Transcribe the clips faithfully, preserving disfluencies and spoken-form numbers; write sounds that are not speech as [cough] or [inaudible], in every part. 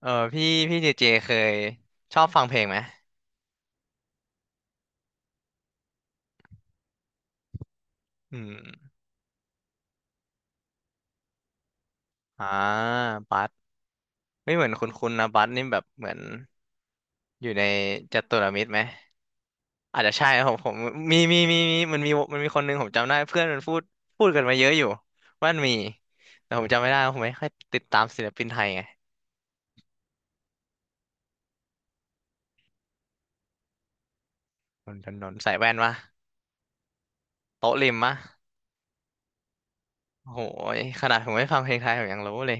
เออพี่พี่เจเจเคยชอบฟังเพลงไหมอืมอ่าบัสไม่เหมือนคุณคุณนะบัสนี่แบบเหมือนอยู่ในจัตุรมิตรไหมอาจจะใช่นะผมผมมีมีมีมีมันมีมันมีคนหนึงผมจำได้เพื่อนมันพูดพูดกันมาเยอะอยู่ว่ามันมีแต่ผมจำไม่ได้ผมไม่ค่อยติดตามศิลปินไทยไงนนทนนท์ใส่แว่นวะโต๊ะริมมะโอ้โหขนาดผมไม่ฟังเพลงไทยผมยังรู้เลย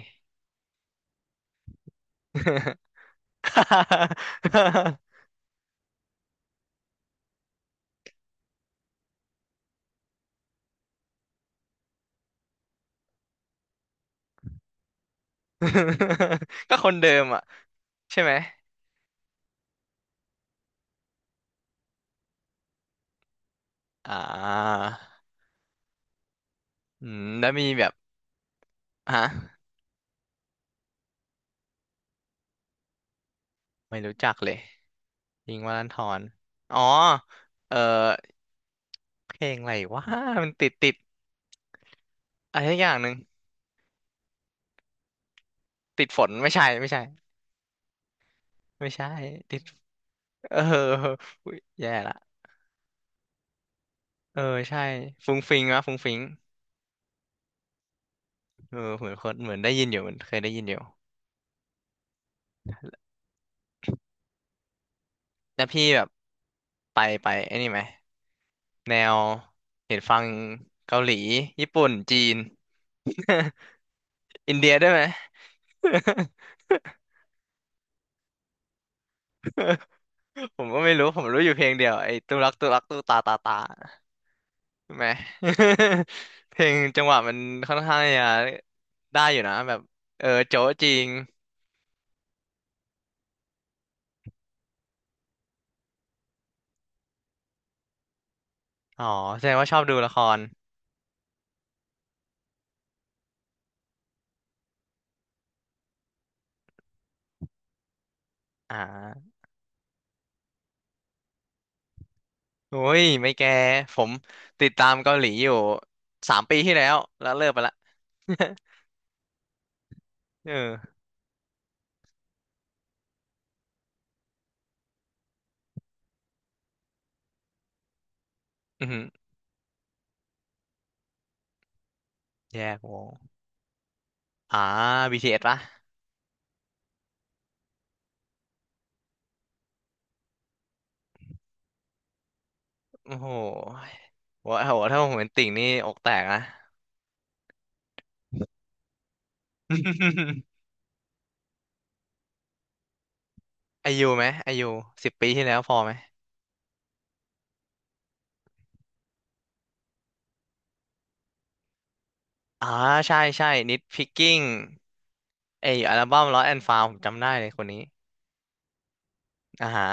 [laughs] ก็คนเดิมอ่ะใช่ไหม อ่าอืมแล้วมีแบบฮะไม่รู้จักเลยยิงค์วรันธรอ๋อเออเพลงอะไรวะมันติดติดอะไรสักอย่างหนึ่งติดฝนไม่ใช่ไม่ใช่ไม่ใช่ติดเอออุ๊ยแย่ละเออใช่ฟุ้งฟิงวะฟุ้งฟิงเออเหมือนคนเหมือนได้ยินอยู่เหมือนเคยได้ยินอยู่แล้วพี่แบบไปไปไอ้นี่ไหมแนวเห็นฟังเกาหลีญี่ปุ่นจีน [laughs] อินเดียได้วยไหม [laughs] ผมก็ไม่รู้ผมรู้อยู่เพลงเดียวไอ้ตุรักตุรักตุตาตาตาใช่ไหม [laughs] เพลงจังหวะมันค่อนข้างจะได้อยู่นะแบบเออโจ๊ะจริงอ๋อแสดงว่าชอบดูละครอ่าโอ้ยไม่แกผมติดตามเกาหลีอยู่สามปีที่แล้วแล้วเลิกไปละ [laughs] เอออือหือแยกวงอ่า บี ที เอส ปะโอ้โหโอ้โหถ้าผมเป็นติ่งนี่อกแตกนะ [laughs] อายุไหมอายุสิบปีที่แล้วพอไหม อ่าใช่ใช่นิดพิกกิ้งไออัลบั้ม Lost and Found ผมจำได้เลยคนนี้อ่าฮะ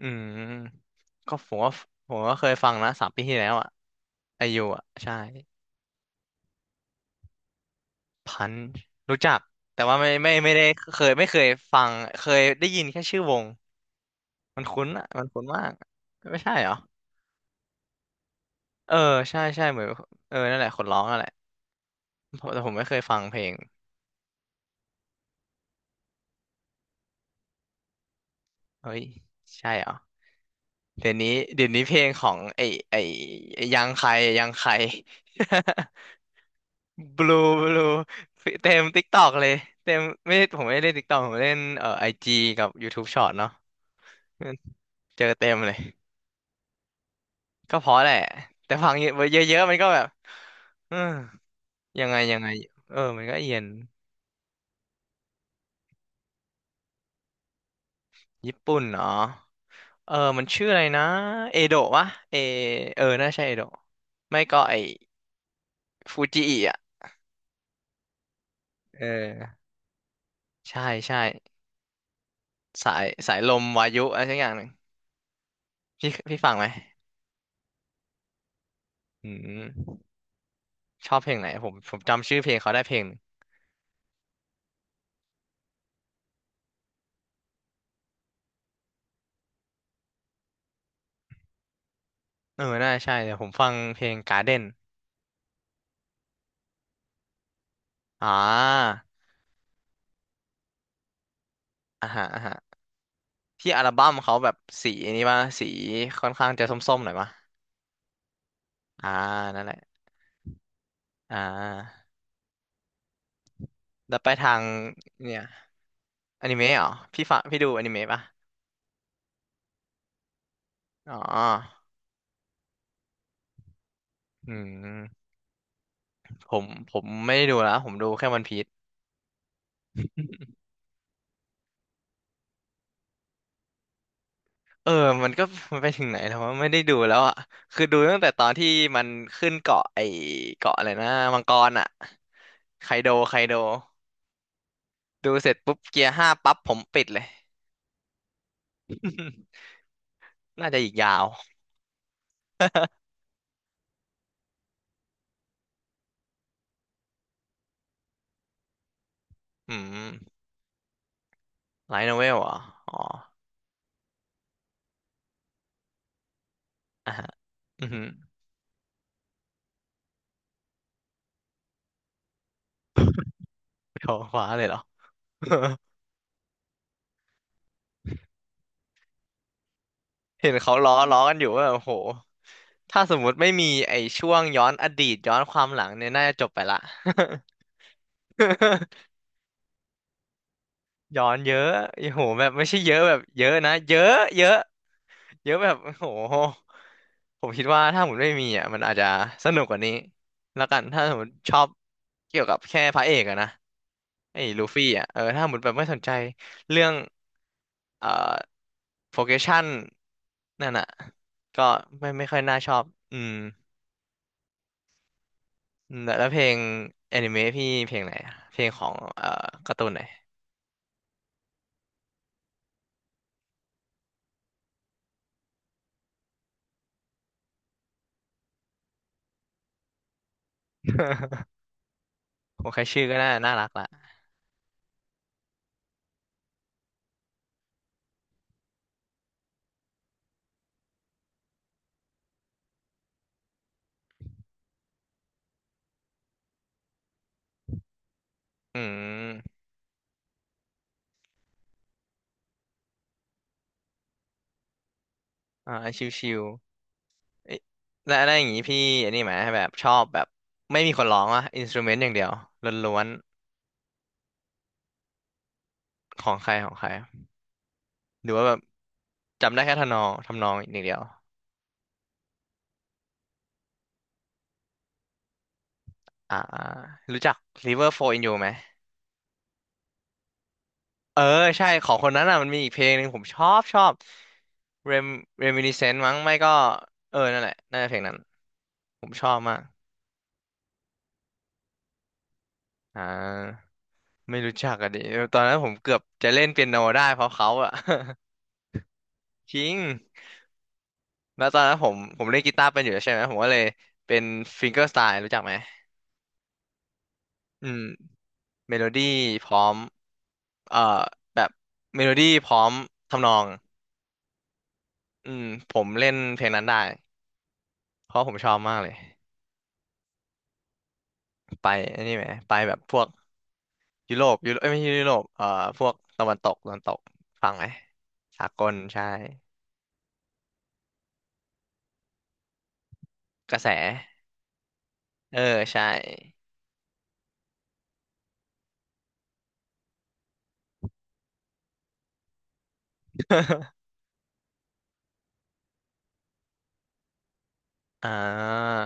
อืมก็ผมว่าผมก็เคยฟังนะสามปีที่แล้วอ่ะอายุอ่ะใช่พันช์รู้จักแต่ว่าไม่ไม่ไม่ได้เคยไม่เคยฟังเคยได้ยินแค่ชื่อวงมันคุ้นอ่ะมันคุ้นมากไม่ใช่เหรอเออใช่ใช่เหมือนเออนั่นแหละคนร้องนั่นแหละผมแต่ผมไม่เคยฟังเพลงเฮ้ยใช่เหรอเดี๋ยวนี้เดี๋ยวนี้เพลงของไอไอไอ้ยังใครยังใคร [laughs] บลูบลูเต็มติ๊กตอกเลยเต็มไม่ผมไม่ได้เล่นติ๊กตอกผมเล่นเอ่อไอจีกับ YouTube Short เนาะ [laughs] เจอเต็มเลยก็เพราะแหละแต่ฟังเยอะๆมันก็แบบเออยังไงยังไงเออมันก็เอียนญี่ปุ่นเนาะเออมันชื่ออะไรนะเอโดะวะเอเออน่าใช่เอโดะไม่ก็ไอฟูจิอิอ่ะเออใช่ใช่สายสายลมวายุอะไรสักอย่างหนึ่งพี่พี่ฟังไหมอืมชอบเพลงไหนผมผมจำชื่อเพลงเขาได้เพลง เออ น่าใช่ เดี๋ยวผมฟังเพลง Garden อ่าอ่าฮะอ่าฮะที่อัลบั้มเขาแบบสีนี้ป่ะสีค่อนข้างจะส้มๆหน่อยป่ะอ่านั่นแหละอ่าแล้วไปทางเนี่ยอนิเมะเหรอพี่ฟังพี่ดูอนิเมะป่ะอ๋ออืมผมผมไม่ได้ดูแล้วผมดูแค่วันพีซเออมันก็มันไปถึงไหนแล้วว่าไม่ได้ดูแล้วอ่ะคือดูตั้งแต่ตอนที่มันขึ้นเกาะไอเกาะอะไรนะมังกรอ่ะไคโดไคโดดูเสร็จปุ๊บเกียร์ห้าปั๊บผมปิดเลย [laughs] อืมน่าจะอีกยาวอืมไลท์โนเวลเหรออ๋อ [laughs] อ่ะฮะอือหือไม่ขอคว้าเลยเหรอ [laughs] เห็นเขาล้อล้อกันอยู่ว่าโอ้โหถ้าสมมุติไม่มีไอ้ช่วงย้อนอดีตย้อนความหลังเนี่ย น่าจะจบไปละ [laughs] ย้อนเยอะโอ้โหแบบไม่ใช่เยอะแบบเยอะนะ เยอะ เยอะ เยอะแบบ [laughs] โอ้โหผมคิดว่าถ้าผมไม่มีอ่ะมันอาจจะสนุกกว่านี้แล้วกันถ้าสมมติชอบเกี่ยวกับแค่พระเอกอะนะไอ้ลูฟี่อ่ะเออถ้าสมมติแบบไม่สนใจเรื่องเอ่อโปรเกชันนั่นอ่ะก็ไม่ไม่ค่อยน่าชอบอืมอืมแล้วแล้วเพลงแอนิเมะพี่เพลงไหนอะเพลงของเอ่อการ์ตูนไหนผมแค่ชื่อก็น่าน่ารักละอืมอ่าชิว เอ้ยแล้วอะไรอย่างงี้พี่อันนี้ไหมแบบชอบแบบไม่มีคนร้องอะอินสต u เมนต์อย่างเดียวล้วนๆของใครของใครหรือว่าแบบจำได้แค่ทำนองทำนองอย่างเดียวอ่ารู้จัก River Flow in You ไหมเออใช่ของคนนั้นอ่ะมันมีอีกเพลงหนึ่งผมชอบชอบ Rem Reminiscence มั้งไม่ก็เออนั่นแหละน่าจะเพลงนั้นผมชอบมากอ่าไม่รู้จักอะดิตอนนั้นผมเกือบจะเล่นเปียโนได้เพราะเขาอะ [laughs] จริง แล้วตอนนั้นผมผมเล่นกีตาร์เป็นอยู่แล้วใช่ไหมผมก็เลยเป็นฟิงเกอร์สไตล์รู้จักไหมอืมเมโลดี้พร้อมเอ่อแบบเมโลดี้พร้อมทำนองอืมผมเล่นเพลงนั้นได้เพราะผมชอบมากเลยไปอันนี้ไหมไปแบบพวกยุโรปยุโรปเอ้ยไม่ใช่ยุโรปเอ่อพวกตะวันตกตะวันตกฟังไหมสากลใช่กระแสเออใช่ [laughs] อ่า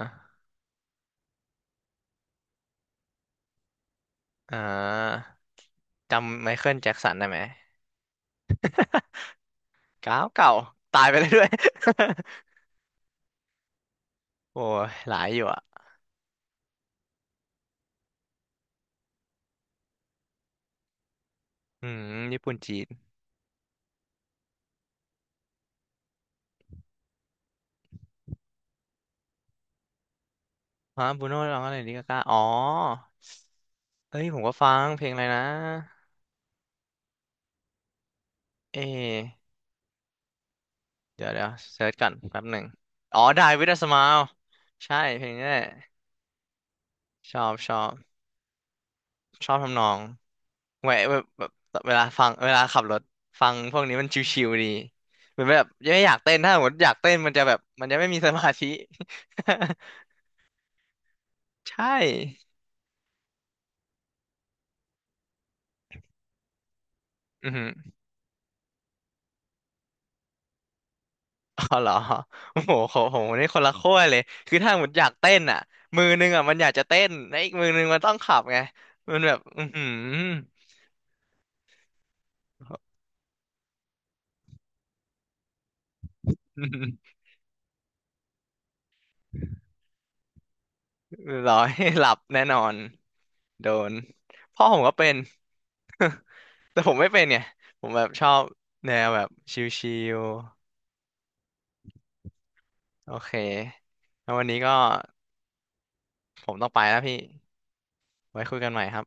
อ่าจำไมเคิลแจ็คสันได้ไหม [laughs] เก่าเก่าตายไปเลยด้วย [laughs] โอ้ยหลายอยู่อ่ะอืมญี่ปุ่นจีนฮะบูโน่ร้องอะไรนี่กากาอ๋อเอ้ยผมก็ฟังเพลงอะไรนะเอเดี๋ยวเดี๋ยวเซิร์ชก่อนแป๊บหนึ่ง อ๋อ Die with a Smile ใช่เพลงนี้แหละชอบชอบชอบทำนองแหวะแบบแบบเวลาฟังเวลาขับรถฟังพวกนี้มันชิวๆดีเหมือนแบบยังไม่อยากเต้นถ้าสมมติอยากเต้นมันจะแบบมันจะไม่มีสมาธิ [laughs] ใช่อือหือ อ๋อเหรอ [laughs] โอ้โหของผมนี่คนละขั้วเลย คือถ้ามันอยากเต้นอ่ะมือนึงอ่ะมันอยากจะเต้นแล้วอีกมือนึงมันต้องขับไงมันแบบอือหือ [laughs] ร้อยหลับแน่นอน โดนพ่อผมก็เป็น [laughs] แต่ผมไม่เป็นไงผมแบบชอบแนวแบบชิลๆ โอเค แล้ววันนี้ก็ผมต้องไปแล้วพี่ ไว้คุยกันใหม่ครับ